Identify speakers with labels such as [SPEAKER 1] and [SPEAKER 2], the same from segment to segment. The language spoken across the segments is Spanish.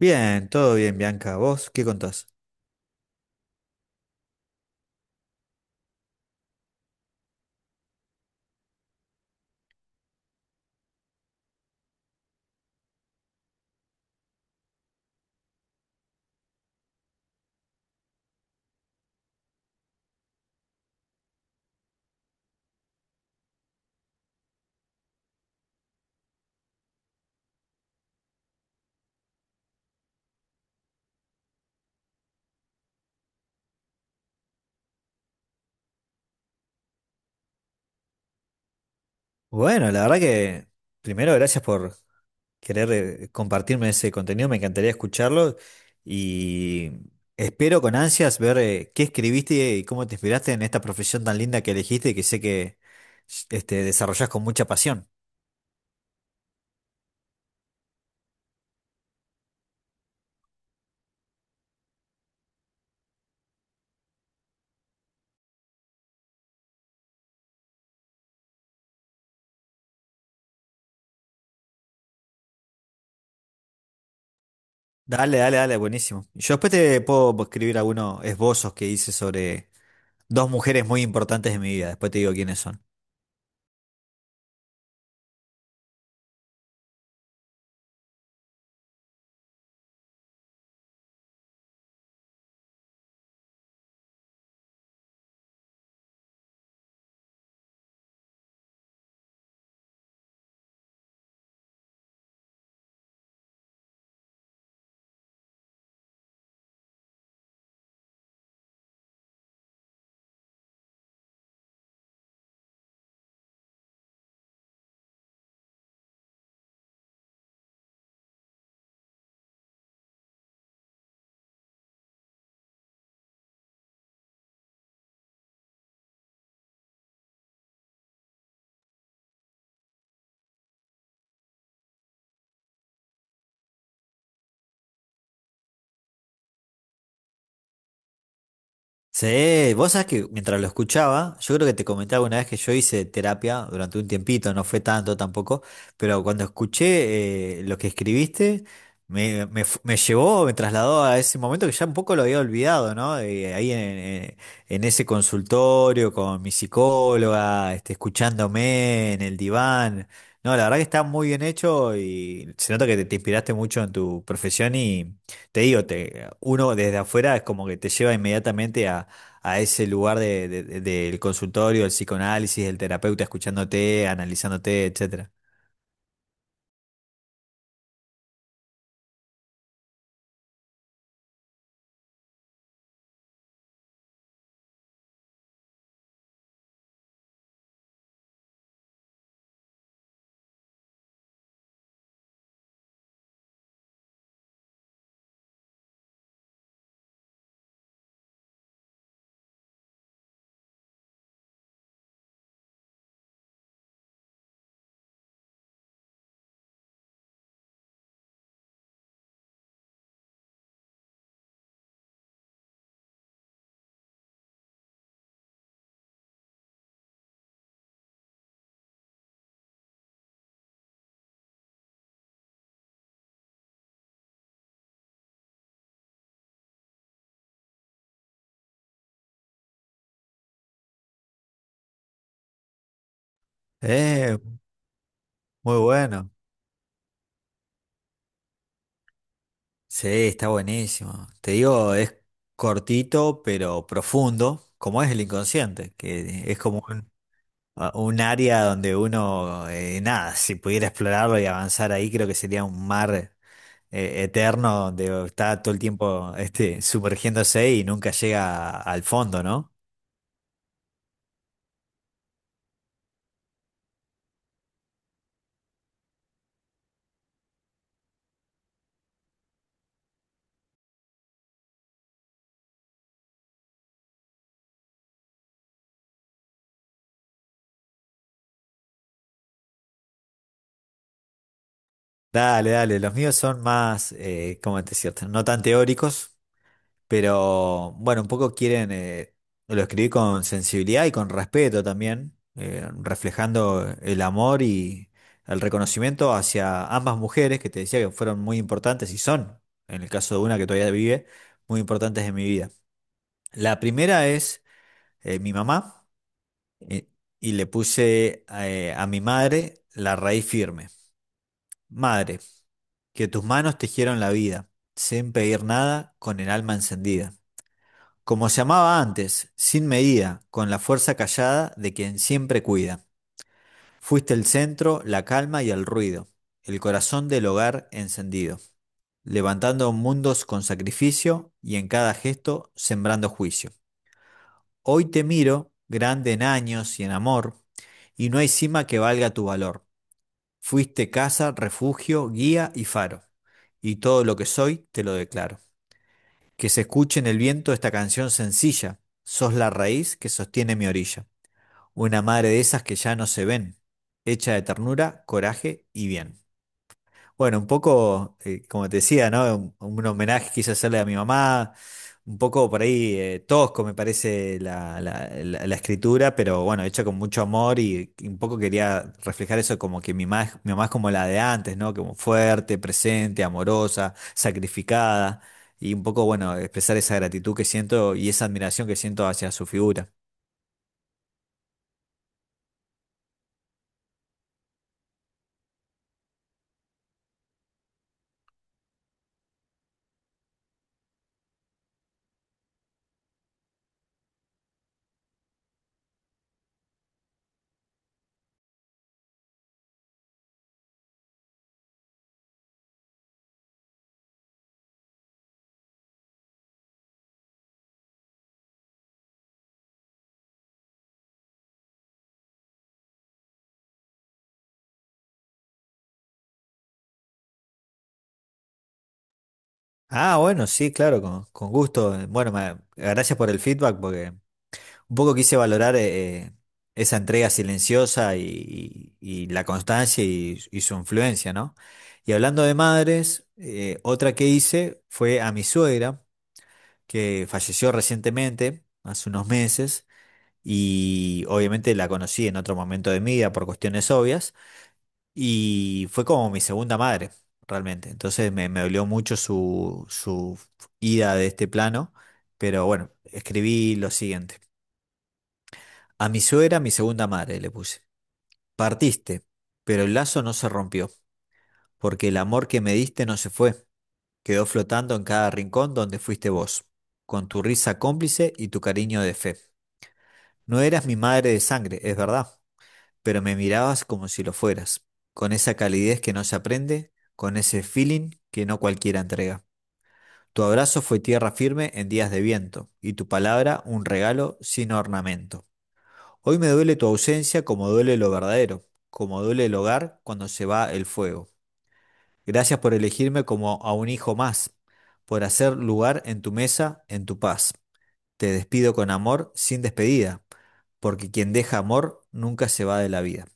[SPEAKER 1] Bien, todo bien, Bianca. ¿Vos qué contás? Bueno, la verdad que primero gracias por querer compartirme ese contenido, me encantaría escucharlo y espero con ansias ver qué escribiste y cómo te inspiraste en esta profesión tan linda que elegiste y que sé que desarrollás con mucha pasión. Dale, dale, dale, buenísimo. Yo después te puedo escribir algunos esbozos que hice sobre dos mujeres muy importantes de mi vida, después te digo quiénes son. Sí, vos sabés que mientras lo escuchaba, yo creo que te comenté alguna vez que yo hice terapia durante un tiempito, no fue tanto tampoco, pero cuando escuché lo que escribiste, me llevó, me trasladó a ese momento que ya un poco lo había olvidado, ¿no? Ahí en ese consultorio con mi psicóloga, escuchándome en el diván. No, la verdad que está muy bien hecho y se nota que te inspiraste mucho en tu profesión y... Te digo, uno desde afuera es como que te lleva inmediatamente a ese lugar del consultorio, del psicoanálisis, del terapeuta escuchándote, analizándote, etcétera. Eh, muy bueno. Sí, está buenísimo. Te digo, es cortito pero profundo, como es el inconsciente, que es como un área donde uno, nada, si pudiera explorarlo y avanzar ahí, creo que sería un mar eterno donde está todo el tiempo sumergiéndose y nunca llega al fondo, ¿no? Dale, dale, los míos son más, ¿cómo te decirte? No tan teóricos, pero bueno, un poco quieren, lo escribí con sensibilidad y con respeto también, reflejando el amor y el reconocimiento hacia ambas mujeres que te decía que fueron muy importantes y son, en el caso de una que todavía vive, muy importantes en mi vida. La primera es mi mamá eh, y le puse a mi madre la raíz firme. Madre, que tus manos tejieron la vida, sin pedir nada, con el alma encendida. Como se amaba antes, sin medida, con la fuerza callada de quien siempre cuida. Fuiste el centro, la calma y el ruido, el corazón del hogar encendido, levantando mundos con sacrificio y en cada gesto sembrando juicio. Hoy te miro, grande en años y en amor, y no hay cima que valga tu valor. Fuiste casa, refugio, guía y faro, y todo lo que soy te lo declaro. Que se escuche en el viento esta canción sencilla, sos la raíz que sostiene mi orilla, una madre de esas que ya no se ven, hecha de ternura, coraje y bien. Bueno, un poco, como te decía, ¿no? Un homenaje quise hacerle a mi mamá, un poco por ahí tosco me parece la escritura, pero bueno, hecha con mucho amor y un poco quería reflejar eso como que mi mamá es como la de antes, ¿no? Como fuerte, presente, amorosa, sacrificada y un poco, bueno, expresar esa gratitud que siento y esa admiración que siento hacia su figura. Ah, bueno, sí, claro, con gusto. Bueno, gracias por el feedback porque... Un poco quise valorar esa entrega silenciosa y la constancia y su influencia, ¿no? Y hablando de madres, otra que hice fue a mi suegra, que falleció recientemente, hace unos meses, y obviamente la conocí en otro momento de mi vida por cuestiones obvias, y fue como mi segunda madre, realmente. Entonces me dolió mucho su ida de este plano, pero bueno, escribí lo siguiente. A mi suegra, mi segunda madre, le puse. Partiste, pero el lazo no se rompió, porque el amor que me diste no se fue, quedó flotando en cada rincón donde fuiste vos, con tu risa cómplice y tu cariño de fe. No eras mi madre de sangre, es verdad, pero me mirabas como si lo fueras, con esa calidez que no se aprende, con ese feeling que no cualquiera entrega. Tu abrazo fue tierra firme en días de viento, y tu palabra un regalo sin ornamento. Hoy me duele tu ausencia como duele lo verdadero, como duele el hogar cuando se va el fuego. Gracias por elegirme como a un hijo más, por hacer lugar en tu mesa, en tu paz. Te despido con amor sin despedida, porque quien deja amor nunca se va de la vida.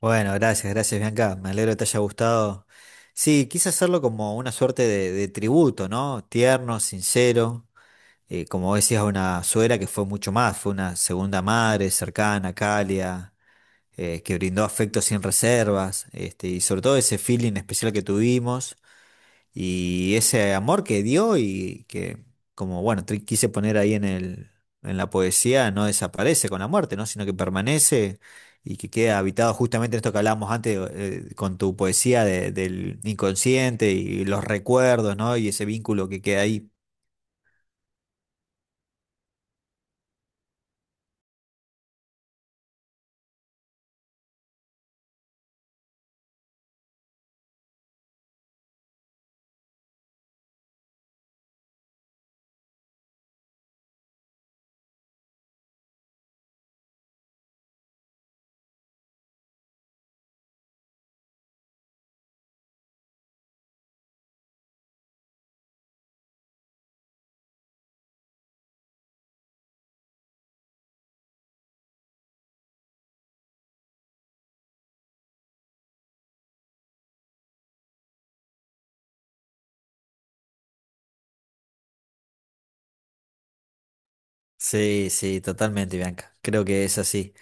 [SPEAKER 1] Bueno, gracias, gracias Bianca, me alegro que te haya gustado. Sí, quise hacerlo como una suerte de tributo, ¿no? Tierno, sincero, como decías, a una suegra que fue mucho más, fue una segunda madre cercana, cálida que brindó afecto sin reservas, y sobre todo ese feeling especial que tuvimos y ese amor que dio y que, como bueno, quise poner ahí en el, en la poesía, no desaparece con la muerte, ¿no? Sino que permanece y que queda habitado justamente en esto que hablábamos antes con tu poesía del inconsciente y los recuerdos, ¿no? Y ese vínculo que queda ahí. Sí, sí, totalmente, Bianca. Creo que es así.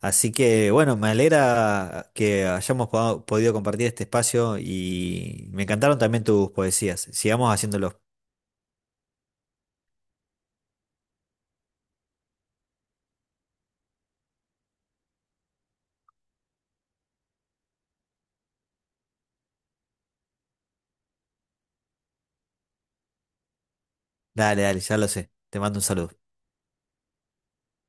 [SPEAKER 1] Así que bueno, me alegra que hayamos podido compartir este espacio y me encantaron también tus poesías. Sigamos haciéndolo. Dale, dale, ya lo sé. Te mando un saludo.